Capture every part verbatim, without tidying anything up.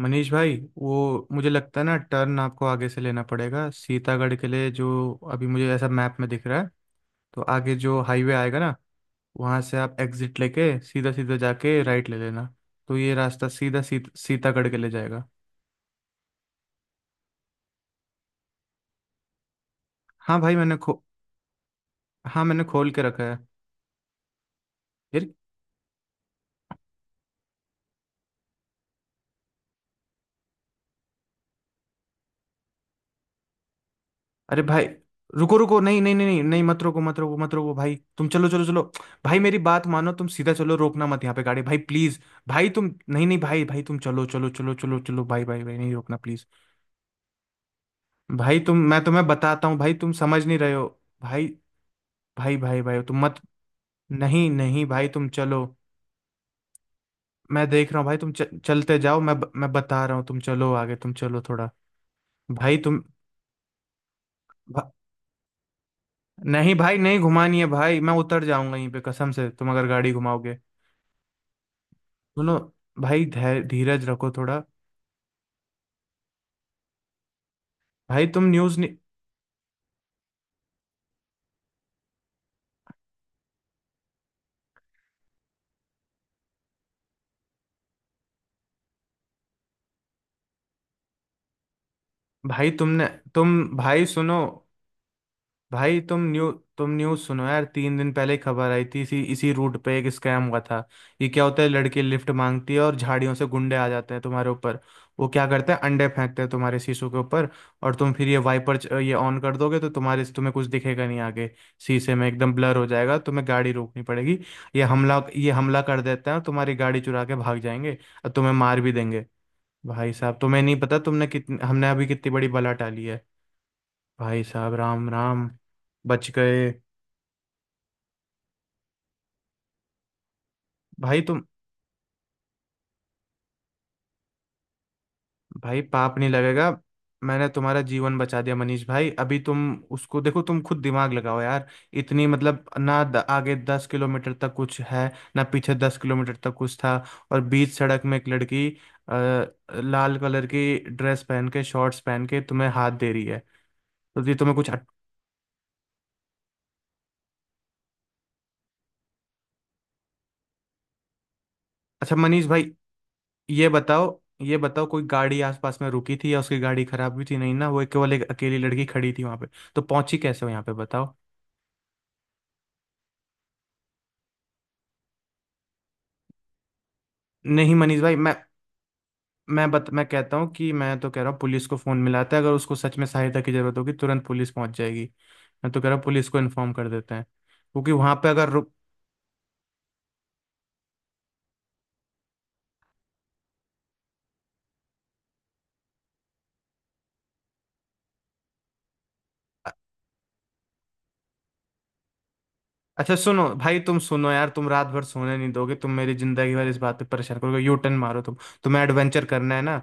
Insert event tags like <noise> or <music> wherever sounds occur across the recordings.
मनीष भाई, वो मुझे लगता है ना, टर्न आपको आगे से लेना पड़ेगा सीतागढ़ के लिए, जो अभी मुझे ऐसा मैप में दिख रहा है। तो आगे जो हाईवे आएगा ना, वहां से आप एग्जिट लेके सीधा सीधा जाके राइट ले लेना। तो ये रास्ता सीधा सी, सीतागढ़ के ले जाएगा। हाँ भाई, मैंने खो हाँ, मैंने खोल के रखा है यार। अरे भाई, रुको रुको, नहीं नहीं नहीं नहीं नहीं, मत रोको मत रोको मत रोको। भाई तुम चलो चलो चलो। भाई मेरी बात मानो, तुम सीधा चलो, रोकना मत यहाँ पे गाड़ी, भाई प्लीज। भाई तुम नहीं नहीं भाई भाई, तुम चलो चलो चलो चलो चलो, भाई भाई भाई, नहीं, रोकना प्लीज। भाई तुम मैं तुम्हें बताता हूँ, भाई तुम समझ नहीं रहे हो। भाई भाई भाई, भाई तुम मत नहीं नहीं भाई, तुम चलो। मैं देख रहा हूँ भाई, तुम च, चलते जाओ, मैं ब- मैं बता रहा हूँ, तुम चलो आगे, तुम चलो थोड़ा। भाई तुम भा, नहीं भाई, नहीं घुमानी है भाई, मैं उतर जाऊंगा यहीं पे, कसम से, तुम अगर गाड़ी घुमाओगे। सुनो भाई, धै- धीरज रखो थोड़ा। भाई तुम न्यूज़ नहीं भाई तुमने तुम भाई सुनो, भाई तुम न्यू तुम न्यूज़ सुनो यार। तीन दिन पहले ही खबर आई थी, इसी इसी रूट पे एक स्कैम हुआ था। ये क्या होता है, लड़की लिफ्ट मांगती है, और झाड़ियों से गुंडे आ जाते हैं तुम्हारे ऊपर। वो क्या करते हैं, अंडे फेंकते हैं तुम्हारे शीशों के ऊपर। और तुम फिर ये वाइपर ये ऑन कर दोगे, तो तुम्हारे तुम्हें कुछ दिखेगा नहीं आगे। शीशे में एकदम ब्लर हो जाएगा, तुम्हें गाड़ी रोकनी पड़ेगी। ये हमला ये हमला कर देते हैं, और तुम्हारी गाड़ी चुरा के भाग जाएंगे। और तुम्हें मार भी देंगे। भाई साहब तुम्हें नहीं पता, तुमने कितनी हमने अभी कितनी बड़ी बला टाली है। भाई साहब, राम राम। बच गए। भाई तुम भाई, पाप नहीं लगेगा। मैंने तुम्हारा जीवन बचा दिया मनीष भाई। अभी तुम उसको देखो, तुम खुद दिमाग लगाओ यार। इतनी, मतलब ना द, आगे दस किलोमीटर तक कुछ है ना, पीछे दस किलोमीटर तक कुछ था। और बीच सड़क में एक लड़की, आ, लाल कलर की ड्रेस पहन के, शॉर्ट्स पहन के, तुम्हें हाथ दे रही है। तो ये तुम्हें कुछ। अच्छा मनीष भाई, ये बताओ, ये बताओ, कोई गाड़ी आसपास में रुकी थी? या उसकी गाड़ी खराब भी थी नहीं ना, वो केवल एक अकेली लड़की खड़ी थी वहां पे। तो पहुंची कैसे हो यहाँ पे, बताओ। नहीं मनीष भाई, मैं मैं बत, मैं कहता हूँ कि, मैं तो कह रहा हूँ, पुलिस को फोन मिलाते हैं, अगर उसको सच में सहायता की जरूरत होगी तुरंत पुलिस पहुंच जाएगी। मैं तो कह रहा हूँ पुलिस को इन्फॉर्म कर देते हैं, क्योंकि वहां पे अगर रुक। अ- अच्छा सुनो भाई, तुम सुनो यार, तुम रात भर सोने नहीं दोगे, तुम मेरी जिंदगी भर इस बात पे परेशान करोगे। यू टर्न मारो तुम। तुम्हें एडवेंचर करना है ना,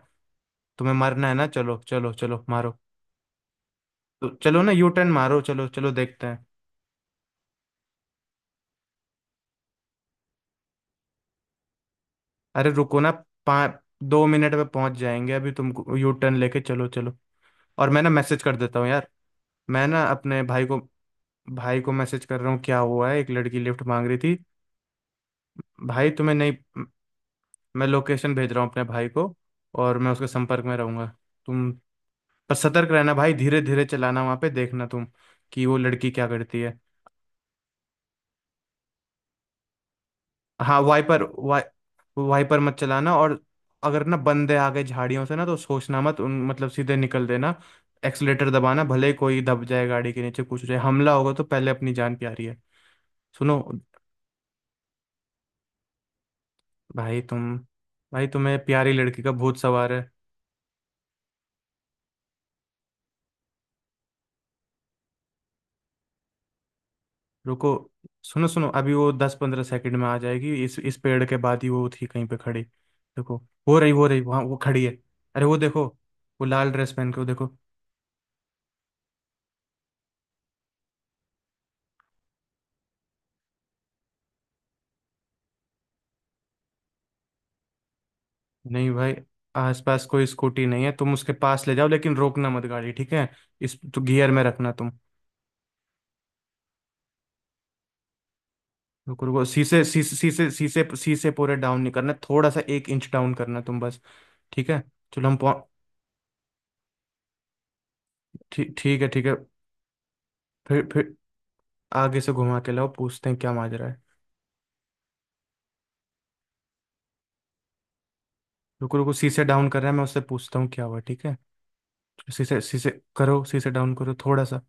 तुम्हें मरना है ना, चलो चलो चलो, मारो। तो चलो ना, यू टर्न मारो, चलो चलो, देखते हैं। अरे रुको ना। पाँच, दो मिनट में पहुंच जाएंगे अभी तुमको, यू टर्न लेके चलो चलो। और मैं ना मैसेज कर देता हूँ यार, मैं ना अपने भाई को। भाई को मैसेज कर रहा हूँ क्या हुआ है, एक लड़की लिफ्ट मांग रही थी। भाई तुम्हें नहीं मैं लोकेशन भेज रहा हूँ अपने भाई को, और मैं उसके संपर्क में रहूंगा। तुम पर सतर्क रहना भाई, धीरे धीरे चलाना, वहां पे देखना तुम, कि वो लड़की क्या करती है। हाँ वाइपर वाइ वाइपर मत चलाना। और अगर ना बंदे आ गए झाड़ियों से ना, तो सोचना मत उन, मतलब सीधे निकल देना। एक्सलेटर दबाना, भले ही कोई दब जाए गाड़ी के नीचे, कुछ हो जाए, हमला होगा तो पहले अपनी जान प्यारी है। सुनो। भाई तुम भाई, तुम्हें प्यारी लड़की का भूत सवार है। रुको, सुनो सुनो, अभी वो दस पंद्रह सेकंड में आ जाएगी, इस इस पेड़ के बाद ही वो थी कहीं पे खड़ी, देखो। वो रही वो रही, वहाँ वो खड़ी है। अरे वो देखो, वो लाल ड्रेस पहन के, वो देखो। नहीं भाई, आसपास कोई स्कूटी नहीं है। तुम उसके पास ले जाओ, लेकिन रोकना मत गाड़ी, ठीक है? इस तो गियर में रखना तुम। रुको रुको, शीशे शीशे शीशे शीशे शीशे पूरे डाउन नहीं करना, थोड़ा सा एक इंच डाउन करना तुम बस। ठीक है। चलो हम पहुं- ठीक, ठीक है, ठीक है। फिर फिर आगे से घुमा के लाओ, पूछते हैं क्या माजरा है। रुको रुको, शीशे डाउन कर रहा है, मैं उससे पूछता हूँ क्या हुआ, ठीक है। शीशे शीशे करो, शीशे डाउन करो थोड़ा सा।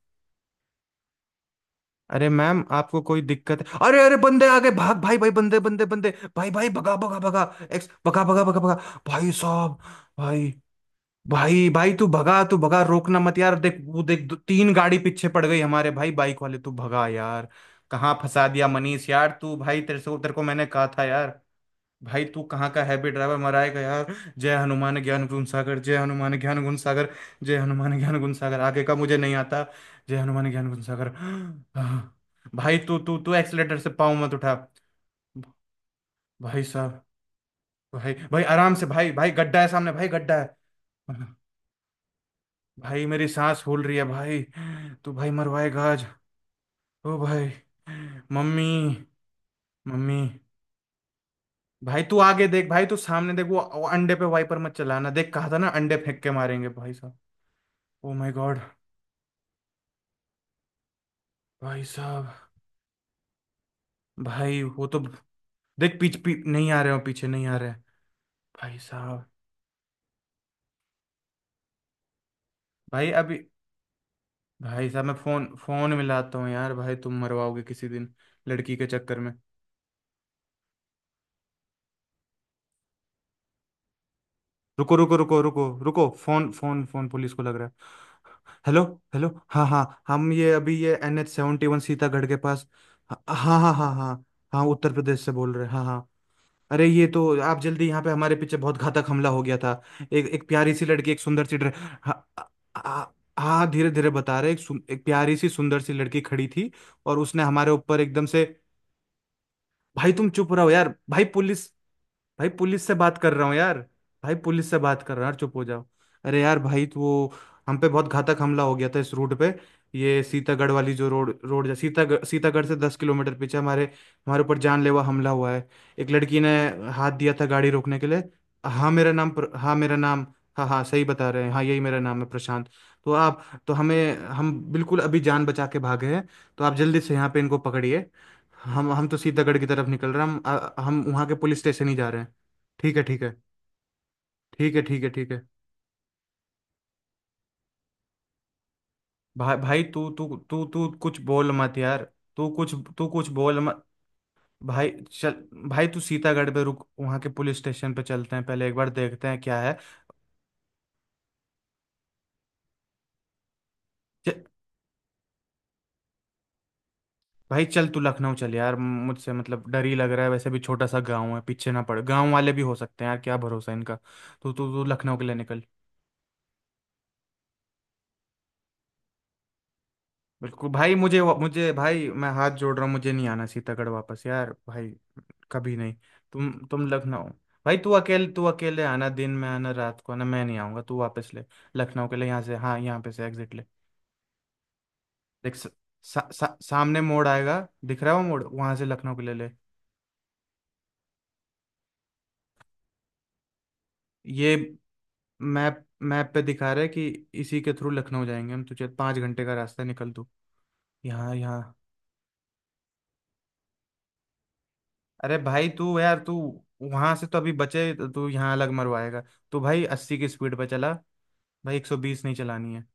अरे मैम, आपको कोई दिक्कत है? अरे अरे, बंदे आ गए, भाग भाई भाई, बंदे बंदे बंदे। भाई भाई, भगा भगा भगा, एक्स, भगा भगा भगा भगा। भाई साहब, भाई भाई भाई, तू भगा, तू भगा, रोकना मत यार। देख, वो देख, दो, तीन गाड़ी पीछे पड़ गई हमारे भाई, बाइक वाले। तू भगा यार। कहाँ फंसा दिया मनीष यार तू भाई, तेरे से तेरे को मैंने कहा था यार। भाई तू कहाँ का हैवी ड्राइवर, मराएगा यार। जय हनुमान ज्ञान गुण सागर। जय हनुमान ज्ञान गुण सागर। जय हनुमान ज्ञान गुण सागर। आगे का मुझे नहीं आता। जय हनुमान ज्ञान गुण सागर। <gasps> भाई तू तू तू एक्सलेटर से पाँव मत उठा। भाई साहब, भाई भाई आराम से, भाई भाई गड्ढा है सामने, भाई गड्ढा है। भाई मेरी सांस फूल रही है भाई, तू भाई मरवाएगा आज। ओ भाई, मम्मी, मम्मी। भाई तू आगे देख, भाई तू सामने देख, वो वो अंडे पे वाइपर मत चलाना, देख, कहा था ना, अंडे फेंक के मारेंगे। भाई साहब, ओ माय गॉड। भाई साहब, भाई वो तो, देख पीछ पी, नहीं आ रहे हो, पीछे नहीं आ रहे। भाई साहब, भाई अभी भाई साहब, मैं फोन फोन मिलाता हूँ यार, भाई तुम मरवाओगे किसी दिन, लड़की के चक्कर में। रुको रुको रुको रुको रुको, फोन फोन फोन पुलिस को लग रहा है। हेलो। हेलो, हाँ हाँ, हम ये अभी ये N H seventy one Sitagarh के पास। हाँ हाँ हाँ हाँ हाँ। हाँ, उत्तर प्रदेश से बोल रहे हैं, हाँ हाँ। अरे ये तो आप जल्दी यहाँ पे, हमारे पीछे बहुत घातक हमला हो गया था। एक एक प्यारी सी लड़की, एक सुंदर सी ड्रे- हाँ। हाँ। हाँ, धीरे धीरे बता रहे। एक, सुन- एक प्यारी सी सुंदर सी लड़की खड़ी थी, और उसने हमारे ऊपर एकदम से। भाई तुम चुप रहो यार भाई पुलिस भाई पुलिस से बात कर रहा हूँ यार। भाई पुलिस से बात कर रहा हूँ यार, चुप हो जाओ। अरे यार भाई तो वो, हम पे बहुत घातक हमला हो गया था इस रूट पे। ये सीतागढ़ वाली जो रोड, रोड जा सीतागढ़, सीतागढ़ से दस किलोमीटर पीछे, हमारे हमारे ऊपर जानलेवा हमला हुआ है। एक लड़की ने हाथ दिया था गाड़ी रोकने के लिए। हाँ मेरा नाम प्र- हाँ मेरा नाम, हाँ हाँ, सही बता रहे हैं, हाँ, यही मेरा नाम है, प्रशांत। तो आप तो हमें, हम बिल्कुल अभी जान बचा के भागे हैं, तो आप जल्दी से यहाँ पे इनको पकड़िए। हम हम तो सीतागढ़ की तरफ निकल रहे हैं, हम अ, हम वहाँ के पुलिस स्टेशन ही जा रहे हैं, ठीक है, ठीक है। ठीक है, ठीक है, ठीक है। भाई भाई तू तू तू तू कुछ बोल मत यार, तू कुछ, तू कुछ बोल मत। भाई चल, भाई तू सीतागढ़ पे रुक, वहाँ के पुलिस स्टेशन पे चलते हैं पहले, एक बार देखते हैं क्या है। च, भाई चल तू लखनऊ चल यार, मुझसे मतलब डर ही लग रहा है, वैसे भी छोटा सा गाँव है, पीछे ना पड़, गाँव वाले भी हो सकते हैं यार, क्या भरोसा इनका। तू तू तू लखनऊ के लिए निकल। बिल्कुल भाई, मुझे, मुझे भाई, मैं हाथ जोड़ रहा हूँ, मुझे नहीं आना सीतागढ़ वापस यार भाई, कभी नहीं। तुम तुम लखनऊ, भाई तू अकेले, तू अकेले आना, दिन में आना, रात को आना, मैं नहीं आऊंगा। तू वापस ले, लखनऊ के लिए यहाँ से, हाँ, यहाँ पे से एग्जिट ले। देख, स, सा, सा, सामने मोड़ आएगा, दिख रहा है वो मोड़, वहां से लखनऊ के लिए ले। ये मैप, मैप पे दिखा रहा है कि इसी के थ्रू लखनऊ जाएंगे हम, तुझे पाँच घंटे का रास्ता है, निकल तू। यहाँ, यहाँ। अरे भाई तू यार तू, वहां से तो अभी बचे, तो तू यहाँ अलग मरवाएगा। तू भाई अस्सी की स्पीड पे चला, भाई एक सौ बीस नहीं चलानी है।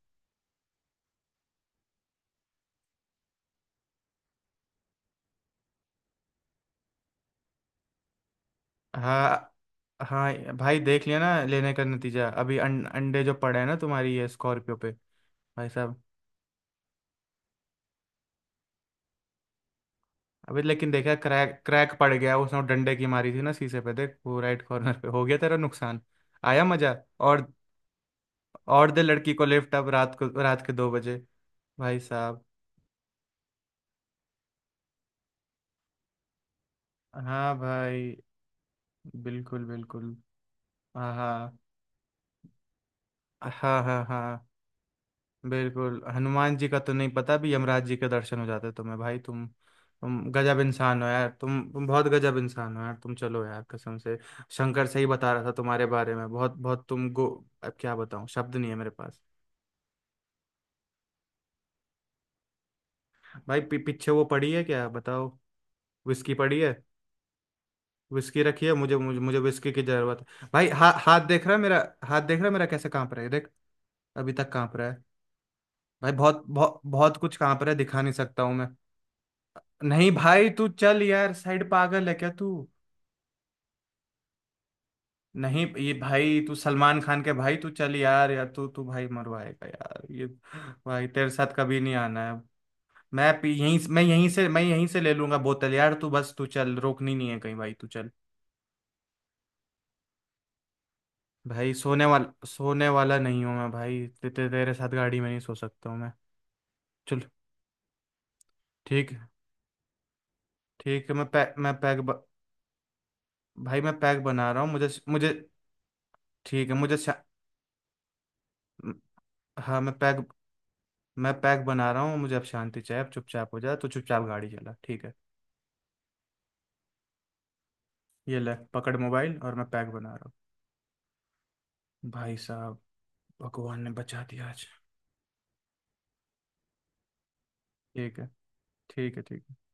हाँ, हाँ। भाई देख लिया ना लेने का नतीजा, अभी अं, अंडे जो पड़े हैं ना तुम्हारी ये स्कॉर्पियो पे। भाई साहब, अभी लेकिन देखा, क्रैक क्रैक पड़ गया, उसने वो डंडे की मारी थी ना शीशे पे, देख वो राइट कॉर्नर पे, हो गया तेरा नुकसान। आया मजा। और और दे लड़की को लिफ्ट अब रात को, रात के दो बजे। भाई साहब। हाँ भाई, बिल्कुल बिल्कुल। हाँ हाँ। हाँ हाँ हाँ। बिल्कुल, हनुमान जी का तो नहीं पता, भी यमराज जी के दर्शन हो जाते तुम्हें। भाई तुम तुम गजब इंसान हो यार, तुम तुम बहुत गजब इंसान हो यार, तुम चलो यार, कसम से। शंकर सही बता रहा था तुम्हारे बारे में, बहुत बहुत तुम गो अब क्या बताऊं, शब्द नहीं है मेरे पास। भाई, पी, पीछे वो पड़ी है क्या, बताओ। विस्की पड़ी है, विस्की रखी है, मुझे मुझे, मुझे विस्की की जरूरत है भाई। हा, हाथ देख रहा है मेरा, हाथ देख रहा है मेरा कैसे कांप रहा है, देख, अभी तक कांप रहा है। भाई बहुत बहुत बहुत कुछ कांप रहा है, दिखा नहीं सकता हूँ मैं। नहीं भाई, तू चल यार, साइड, पागल है क्या तू। नहीं ये भाई, तू सलमान खान के भाई, तू चल यार यार, तू तू भाई मरवाएगा यार ये। भाई तेरे साथ कभी नहीं आना है। मैं पी- यहीं, मैं यहीं से मैं यहीं से ले लूंगा बोतल यार। तू बस तू चल, रोकनी नहीं है कहीं, भाई तू चल। भाई, सोने वाला सोने वाला नहीं हूँ मैं भाई, ते, ते, तेरे साथ गाड़ी में नहीं सो सकता हूँ मैं। चल ठीक है। ठीक है, मैं पैक मैं पैक ब, भाई मैं पैक बना रहा हूँ, मुझे मुझे। ठीक है, मुझे शा- हाँ, मैं पैक मैं पैक बना रहा हूँ, मुझे अब शांति चाहिए, अब चुपचाप हो जा, तो चुपचाप गाड़ी चला, ठीक है। ये ले, पकड़ मोबाइल, और मैं पैक बना रहा हूँ, भाई साहब। भगवान ने बचा दिया आज। ठीक है, ठीक है, ठीक है।